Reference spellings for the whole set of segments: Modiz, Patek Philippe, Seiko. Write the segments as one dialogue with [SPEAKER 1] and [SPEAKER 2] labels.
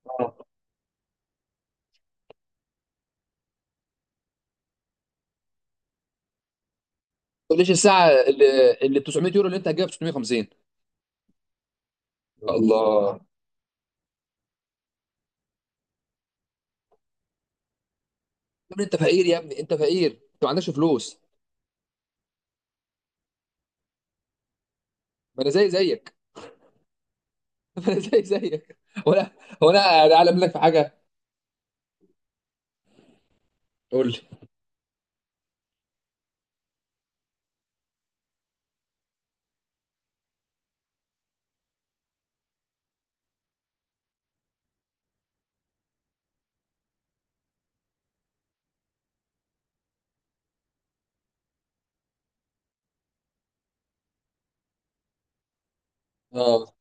[SPEAKER 1] اه ما تقوليش الساعه اللي 900 يورو اللي انت هتجيبها ب 650. يا الله، يا ابني انت فقير، يا ابني انت فقير، انت ما عندكش فلوس. ما انا زي زيك. ما انا زي زيك. ولا هو انا اعلم لك في حاجه؟ قول لي. اه،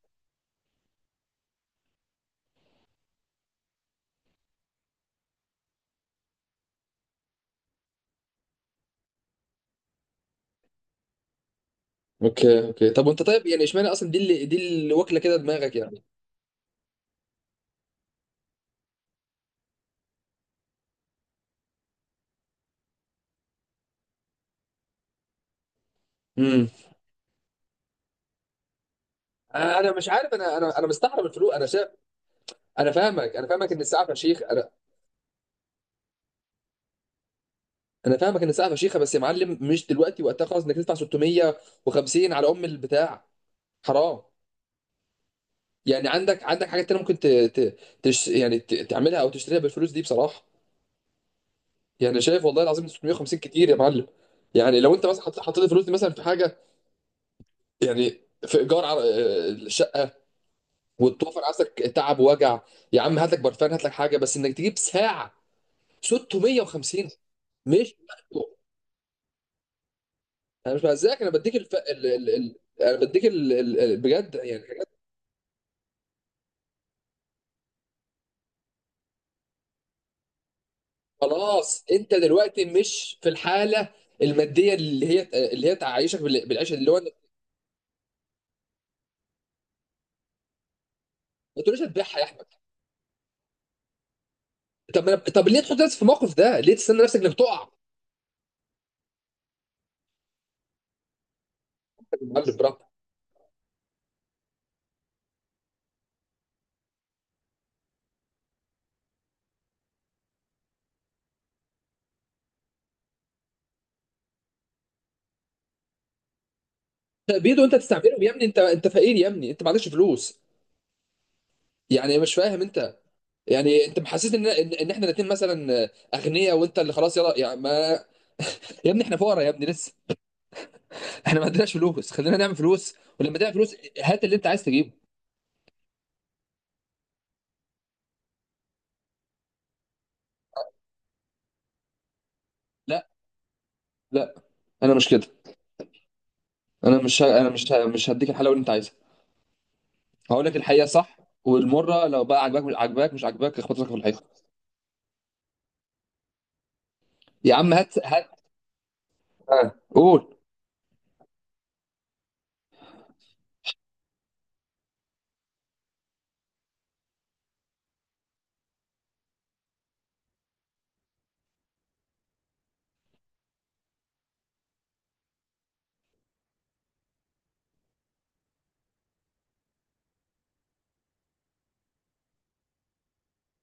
[SPEAKER 1] اوكي اوكي، طب وانت طيب يعني اشمعنى اصلا دي اللي واكله كده دماغك يعني؟ امم انا مش عارف، انا مستحرم الفلوس، انا شايف. انا فاهمك، انا فاهمك ان الساعه فشيخ، انا انا فاهمك ان الساعه فشيخه، بس يا معلم مش دلوقتي وقتها خالص انك تدفع 650 على ام البتاع. حرام. يعني عندك، عندك حاجات تانية ممكن ت... ت... تش... يعني ت... تعملها او تشتريها بالفلوس دي بصراحه. يعني شايف والله العظيم 650 كتير يا معلم. يعني لو انت مثلا حطيت الفلوس دي مثلا في حاجه، يعني في ايجار على الشقه، وتوفر عندك تعب ووجع. يا عم هات لك برفان، هات لك حاجه، بس انك تجيب ساعه 650 مش مقبول. انا مش بهزاك، انا بديك الف... ال... ال... ال... انا بديك ال... ال... ال- بجد يعني حاجات. خلاص، انت دلوقتي مش في الحاله الماديه اللي هي تعيشك بالعيشه اللي هو. ما تقوليش هتبيعها يا احمد. طب ما- طب ليه تحط نفسك في الموقف ده؟ ليه تستنى نفسك انك تقع؟ يا معلم براحتك. بيدو انت تستعملهم يا ابني، انت انت فقير يا ابني، انت ما عندكش فلوس. يعني مش فاهم انت، يعني انت محسس ان إن احنا الاثنين مثلا اغنياء، وانت اللي خلاص يلا يعني ما. يا ابني احنا فقراء يا ابني لسه، احنا ما عندناش فلوس، خلينا نعمل فلوس. ولما تعمل فلوس هات اللي انت عايز تجيبه. لا، لا، انا مش كده. انا مش ه- انا مش ه- مش هديك الحلاوه اللي انت عايزها. هقول لك الحقيقه صح. والمره لو بقى عجباك، مش عجباك، اخبط لك في الحيطه. يا عم هات، هات. آه، قول.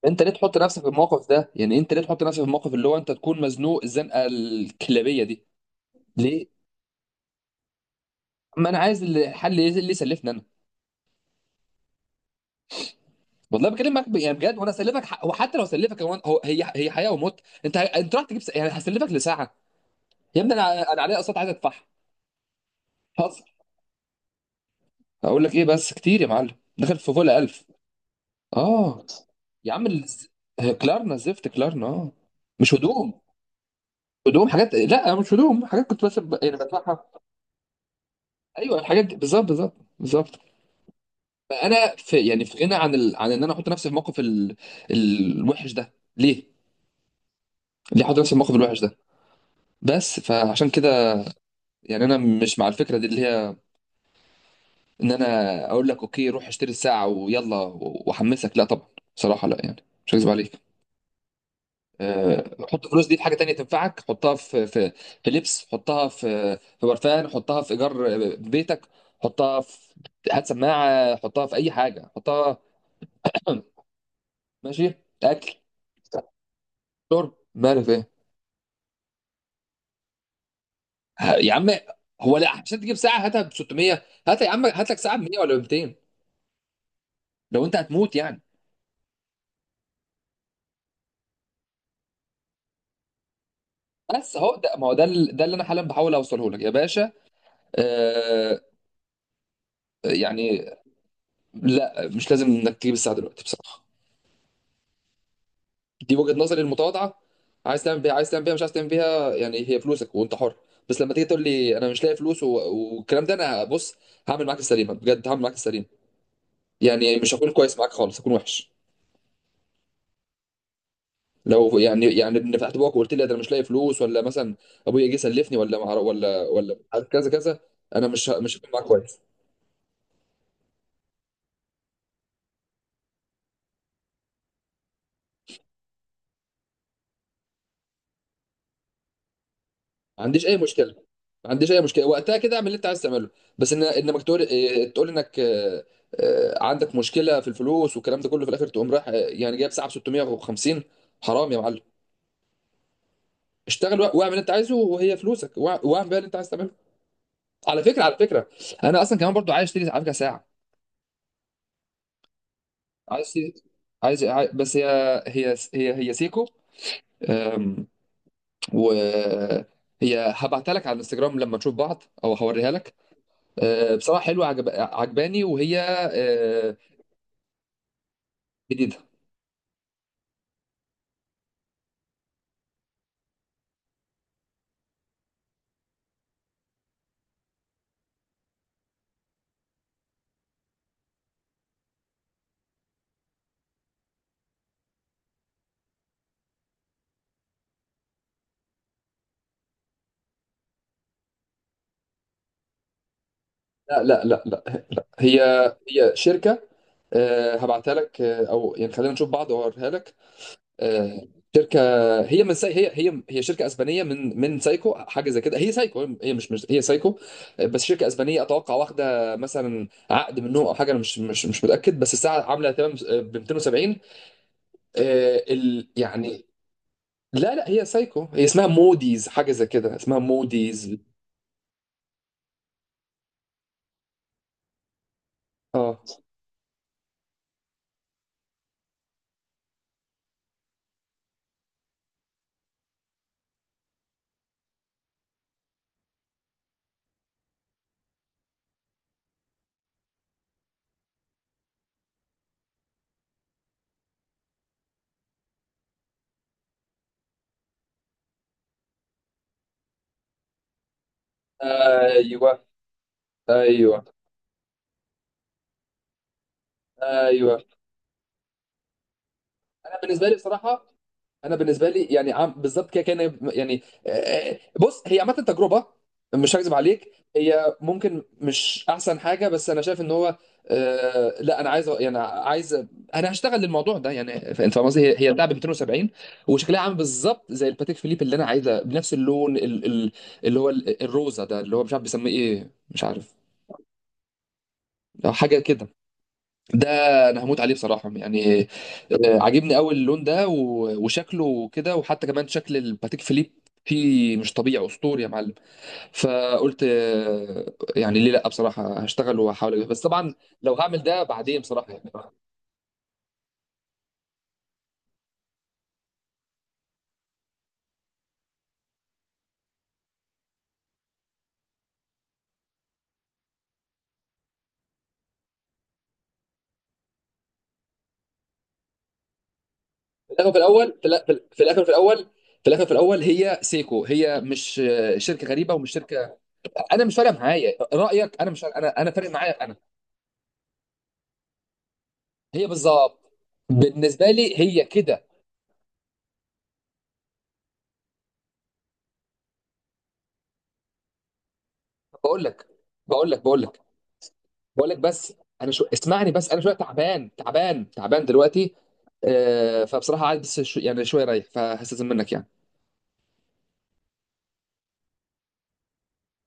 [SPEAKER 1] انت ليه تحط نفسك في الموقف ده؟ يعني انت ليه تحط نفسك في الموقف اللي هو انت تكون مزنوق الزنقه الكلابيه دي؟ ليه؟ ما انا عايز الحل اللي يسلفني انا. والله بكلمك يعني بجد، وانا اسلفك وحتى لو سلفك هي هي حياه وموت. انت انت يعني هسلفك لساعه. يا ابني انا انا عليا اقساط عايز ادفعها. هزر. هقول لك ايه، بس كتير يا معلم، دخل في فوق ال 1000. اه. يا عم الز- كلارنا زفت كلارنا، اه. مش هدوم، هدوم حاجات، لا مش هدوم، حاجات كنت بس ب... يعني بدفعها. ايوه الحاجات دي بالظبط، بالظبط، بالظبط. فانا في يعني في غنى عن عن ان انا احط نفسي في موقف الوحش ده، ليه؟ ليه احط نفسي في الموقف الوحش ده؟ بس فعشان كده يعني انا مش مع الفكره دي اللي هي ان انا اقول لك اوكي روح اشتري الساعه ويلا واحمسك، لا طبعا. بصراحه لا، يعني مش هكذب عليك. أه، حط الفلوس دي في حاجه تانية تنفعك، حطها في في لبس، حطها في برفان، حطها في ايجار بيتك، حطها في، هات سماعه، حطها في اي حاجه، حطها. ماشي، اكل، شرب، مالك. يا عم هو لا، عشان تجيب ساعه هاتها ب 600، هات يا عم هات لك ساعه ب 100 ولا ب 200، لو انت هتموت يعني. بس اهو ده، ما هو ده ده اللي انا حالا بحاول اوصله لك يا باشا. آه يعني. لا مش لازم انك تجيب الساعه دلوقتي بصراحه. دي وجهه نظري المتواضعه. عايز تعمل بيها، عايز تعمل بيها، مش عايز تعمل بيها، يعني هي فلوسك وانت حر. بس لما تيجي تقول لي انا مش لاقي فلوس والكلام ده، انا بص هعمل معاك السليمه، بجد هعمل معاك السليمه. يعني مش هكون كويس معاك خالص، هكون وحش. لو يعني، يعني ان فتحت بوقك وقلت لي ده انا مش لاقي فلوس، ولا مثلا ابويا جه سلفني، ولا مع ولا ولا كذا كذا، انا مش ه- مش هكون معاك كويس. ما عنديش اي مشكله، ما عنديش اي مشكله، وقتها كده اعمل اللي انت عايز تعمله. بس ان انك تقول تقول انك عندك مشكله في الفلوس والكلام ده كله، في الاخر تقوم رايح يعني جايب ساعه ب 650، حرام يا معلم. اشتغل واعمل اللي انت عايزه، وهي فلوسك واعمل بيها اللي انت عايز تعمله. على فكره، على فكره، انا اصلا كمان برضو عايز اشتري على فكره ساعه. عايز أشتري- عايز عاي- بس هي سيكو. أم، وهي، هبعتها لك على الانستجرام لما نشوف بعض، او هوريها لك. أه، بصراحه حلوه، عجباني وهي أه، جديده. لا، هي، هي شركه. أه، هبعتها لك، أه، او يعني خلينا نشوف بعض واوريها لك. أه، شركه. هي شركه اسبانيه من سايكو، حاجه زي كده. هي سايكو، هي مش هي سايكو. أه، بس شركه اسبانيه اتوقع، واخده مثلا عقد منهم او حاجه، انا مش متاكد، بس الساعه عامله تمام ب 270. آه يعني. لا لا، هي سايكو، هي اسمها موديز، حاجه زي كده اسمها موديز. اه، ايوه، ايوه، ايوه. انا بالنسبه لي بصراحه، انا بالنسبه لي يعني عم بالظبط كده كان يعني بص هي عامه تجربه. مش هكذب عليك هي ممكن مش احسن حاجه، بس انا شايف ان هو آه، لا انا عايز يعني عايز، انا هشتغل للموضوع ده يعني، انت فاهم قصدي، هي بتاع ب 270، وشكلها عامل بالظبط زي الباتيك فيليب اللي انا عايزه، بنفس اللون الروزه ده اللي هو مش عارف بيسميه ايه، مش عارف، حاجه كده. ده انا هموت عليه بصراحه يعني. آه، عاجبني قوي اللون ده وشكله كده، وحتى كمان شكل الباتيك فيليب فيه مش طبيعي، اسطوري يا معلم. فقلت آه، يعني ليه لا بصراحه، هشتغل واحاول أجيب. بس طبعا لو هعمل ده بعدين بصراحه يعني. في الاخر في الاول في الأ- في الاخر في الاول، في الاخر، في الاول، هي سيكو، هي مش آه، شركه غريبه ومش شركه. انا مش فارق معايا رايك، انا مش فارق- انا انا فارق معايا انا. هي بالظبط بالنسبه لي هي كده. بقول لك بقول لك بقول لك بقول لك بس، انا شو، اسمعني بس، انا شويه تعبان، تعبان دلوقتي. آه، فبصراحه عايز بس يعني شويه رايح، فهستاذن منك يعني.